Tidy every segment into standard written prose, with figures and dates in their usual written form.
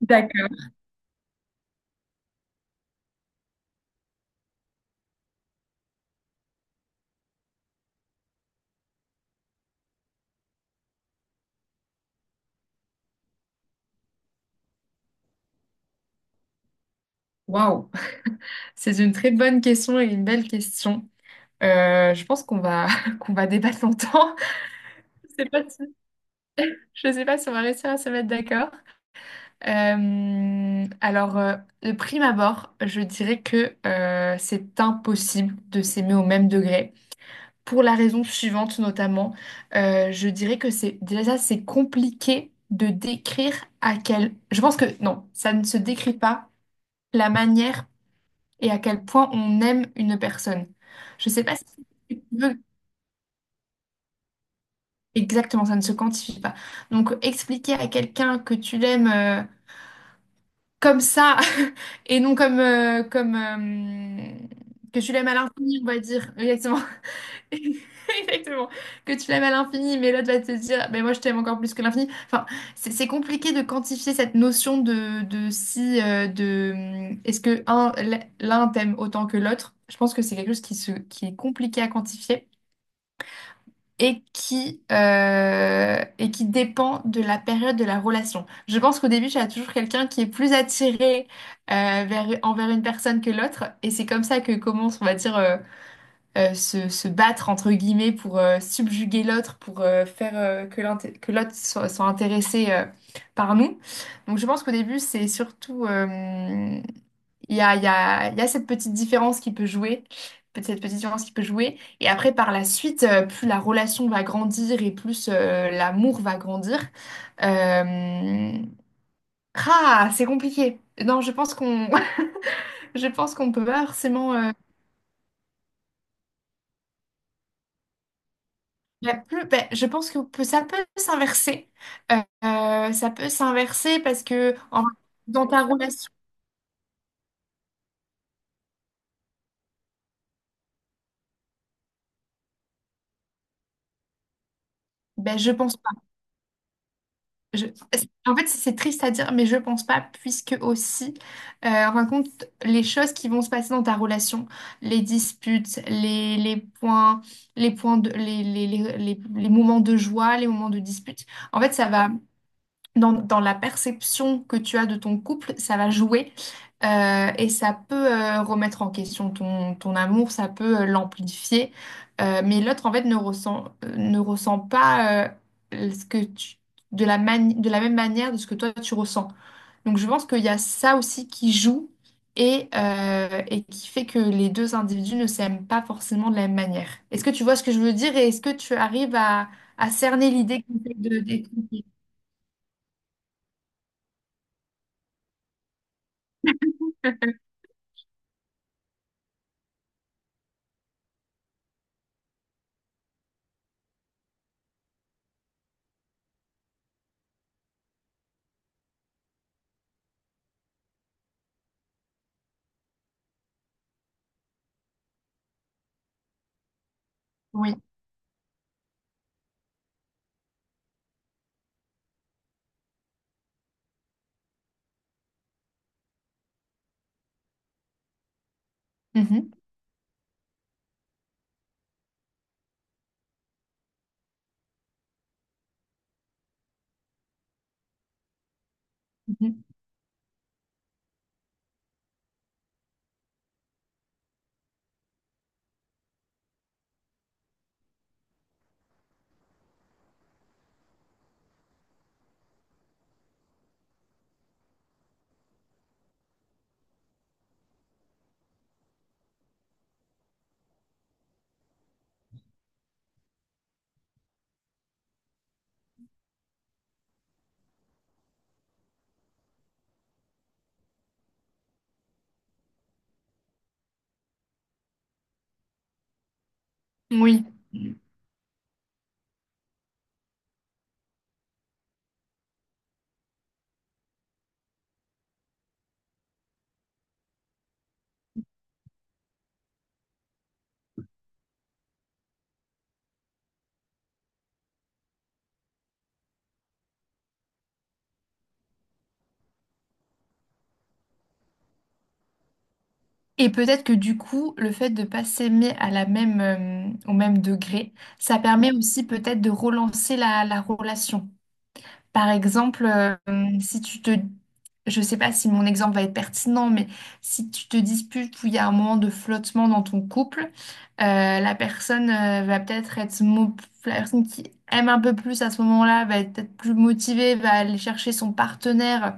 D'accord. Waouh, c'est une très bonne question et une belle question. Je pense qu'on va qu'on va débattre longtemps. Je sais pas si, je sais pas si on va réussir à se mettre d'accord. De prime abord, je dirais que c'est impossible de s'aimer au même degré. Pour la raison suivante, notamment, je dirais que c'est compliqué de décrire à quel. Je pense que non, ça ne se décrit pas la manière et à quel point on aime une personne. Je ne sais pas si tu veux exactement, ça ne se quantifie pas. Donc, expliquer à quelqu'un que tu l'aimes comme ça et non comme, que tu l'aimes à l'infini, on va dire, exactement. Exactement. Que tu l'aimes à l'infini, mais l'autre va te dire, mais moi je t'aime encore plus que l'infini. Enfin, c'est compliqué de quantifier cette notion de si, de est-ce que l'un t'aime autant que l'autre? Je pense que c'est quelque chose qui est compliqué à quantifier et et qui dépend de la période de la relation. Je pense qu'au début, tu as toujours quelqu'un qui est plus attiré envers une personne que l'autre, et c'est comme ça que commence, on va dire. Se battre entre guillemets pour subjuguer l'autre, pour faire que que l'autre soit intéressé par nous. Donc je pense qu'au début, c'est surtout, il y a cette petite différence qui peut jouer. Cette petite différence qui peut jouer. Et après, par la suite, plus la relation va grandir et plus l'amour va grandir. Euh, Ah, c'est compliqué. Non, je pense qu'on je pense qu'on peut pas forcément ben, je pense que ça peut s'inverser. Euh, ça peut s'inverser parce que dans ta relation, ben, je pense pas. Je- en fait, c'est triste à dire, mais je pense pas, puisque aussi, en fin de compte, les choses qui vont se passer dans ta relation, les disputes, les points de, les moments de joie, les moments de dispute, en fait, ça va. Dans la perception que tu as de ton couple, ça va jouer et ça peut remettre en question ton amour, ça peut l'amplifier. Mais l'autre, en fait, ne ressent pas euh, ce que tu, de de la même manière de ce que toi, tu ressens. Donc, je pense qu'il y a ça aussi qui joue et qui fait que les deux individus ne s'aiment pas forcément de la même manière. Est-ce que tu vois ce que je veux dire et est-ce que tu arrives à cerner l'idée que j'essaie de décrire? Oui. Mhm, mhm. Oui. Et peut-être que du coup, le fait de pas s'aimer à la même, au même degré, ça permet aussi peut-être de relancer la relation. Par exemple, si tu te... Je sais pas si mon exemple va être pertinent, mais si tu te disputes ou il y a un moment de flottement dans ton couple, la personne va peut-être être... mo- La personne qui aime un peu plus à ce moment-là va être peut-être plus motivée, va aller chercher son partenaire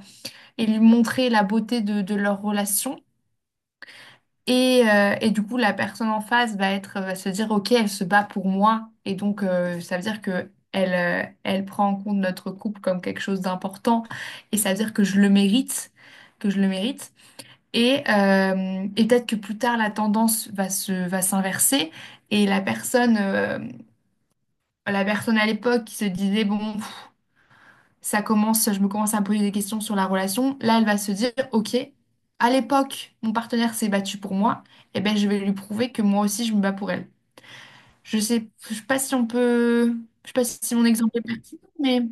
et lui montrer la beauté de leur relation. Et du coup, la personne en face va se dire, OK, elle se bat pour moi. Et donc, ça veut dire que elle prend en compte notre couple comme quelque chose d'important. Et ça veut dire que je le mérite, que je le mérite. Et peut-être que plus tard, la tendance va s'inverser. Et la personne à l'époque qui se disait, bon, pff, ça commence, je me commence à me poser des questions sur la relation. Là, elle va se dire, OK, à l'époque, mon partenaire s'est battu pour moi, et ben je vais lui prouver que moi aussi, je me bats pour elle. Je sais pas si on peut, je sais pas si mon exemple est pertinent, mais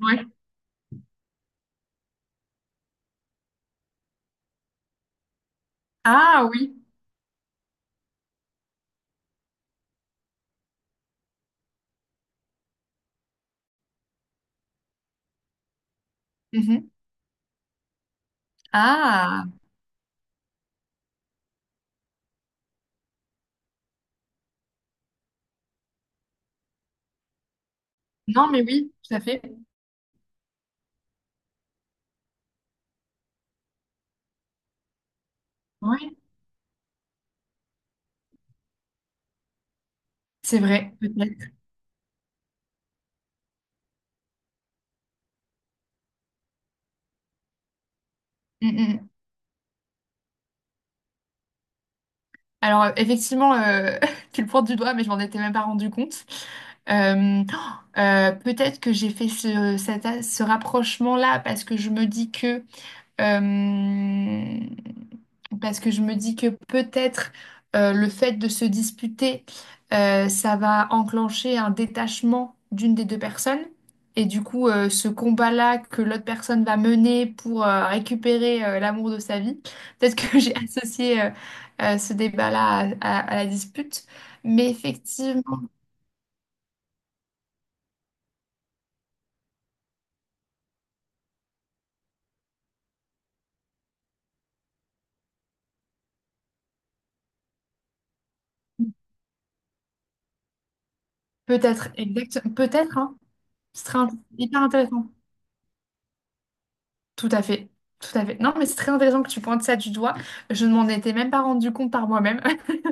ouais. Ah oui. Mhm. Ah non, mais oui, tout à fait. Oui, c'est vrai, peut-être. Mm, mm, mm. Alors, effectivement, tu le pointes du doigt, mais je m'en étais même pas rendu compte. Oh, peut-être que j'ai fait cet ce rapprochement-là parce que je me dis que euh, parce que je me dis que peut-être le fait de se disputer, ça va enclencher un détachement d'une des deux personnes. Et du coup, ce combat-là que l'autre personne va mener pour récupérer l'amour de sa vie, peut-être que j'ai associé ce débat-là à la dispute. Mais effectivement, peut-être, exact, peut-être, hein, ce serait hyper intéressant. Tout à fait, tout à fait. Non, mais c'est très intéressant que tu pointes ça du doigt. Je ne m'en étais même pas rendu compte par moi-même.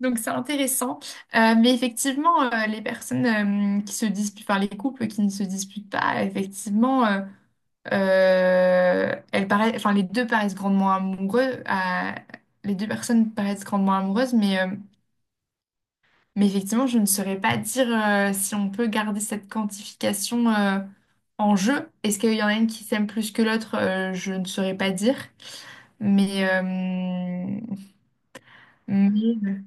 Donc c'est intéressant. Mais effectivement, les personnes qui se disputent, enfin les couples qui ne se disputent pas, effectivement, elles paraissent, enfin les deux paraissent grandement amoureux. Les deux personnes paraissent grandement amoureuses, mais effectivement, je ne saurais pas dire si on peut garder cette quantification en jeu. Est-ce qu'il y en a une qui s'aime plus que l'autre? Je ne saurais pas dire. Mais, euh, mais-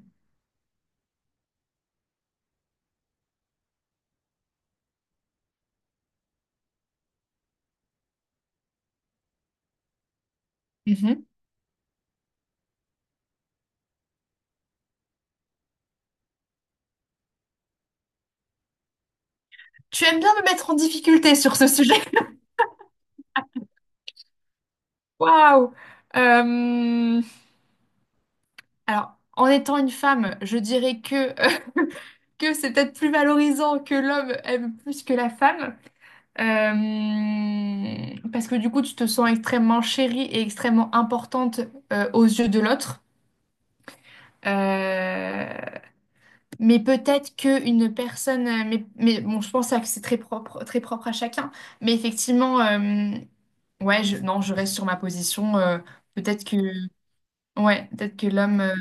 Mhm. Tu aimes bien me mettre en difficulté sur ce sujet. Waouh! Euh, Alors, en étant une femme, je dirais que, que c'est peut-être plus valorisant que l'homme aime plus que la femme. Parce que du coup, tu te sens extrêmement chérie et extrêmement importante aux yeux de l'autre. Euh, Mais peut-être qu'une personne, mais bon, je pense que c'est très propre à chacun. Mais effectivement, ouais, non, je reste sur ma position. Peut-être que, ouais, peut-être que l'homme...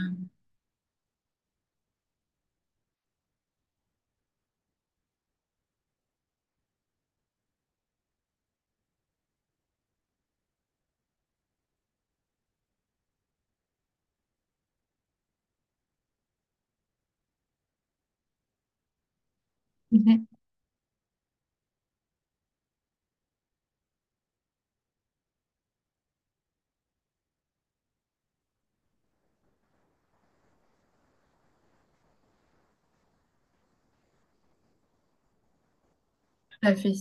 mhm, tout à fait.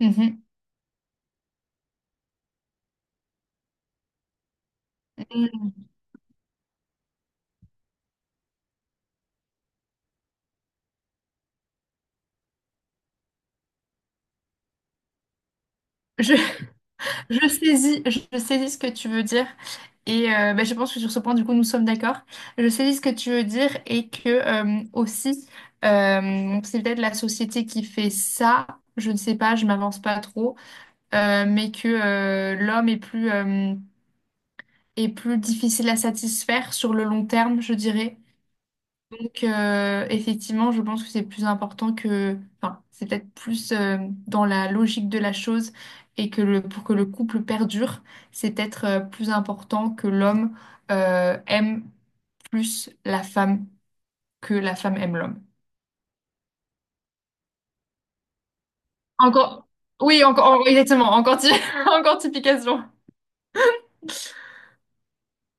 Mhm. Mhm. Je, je saisis ce que tu veux dire. Et bah, je pense que sur ce point, du coup, nous sommes d'accord. Je saisis ce que tu veux dire et que aussi, bon, c'est peut-être la société qui fait ça. Je ne sais pas, je m'avance pas trop. Mais que l'homme est plus difficile à satisfaire sur le long terme, je dirais. Donc, effectivement, je pense que c'est plus important que, enfin, c'est peut-être plus dans la logique de la chose et que le, pour que le couple perdure, c'est peut-être plus important que l'homme aime plus la femme que la femme aime l'homme. Encore, oui, encore, oh, exactement, encore, encore typication.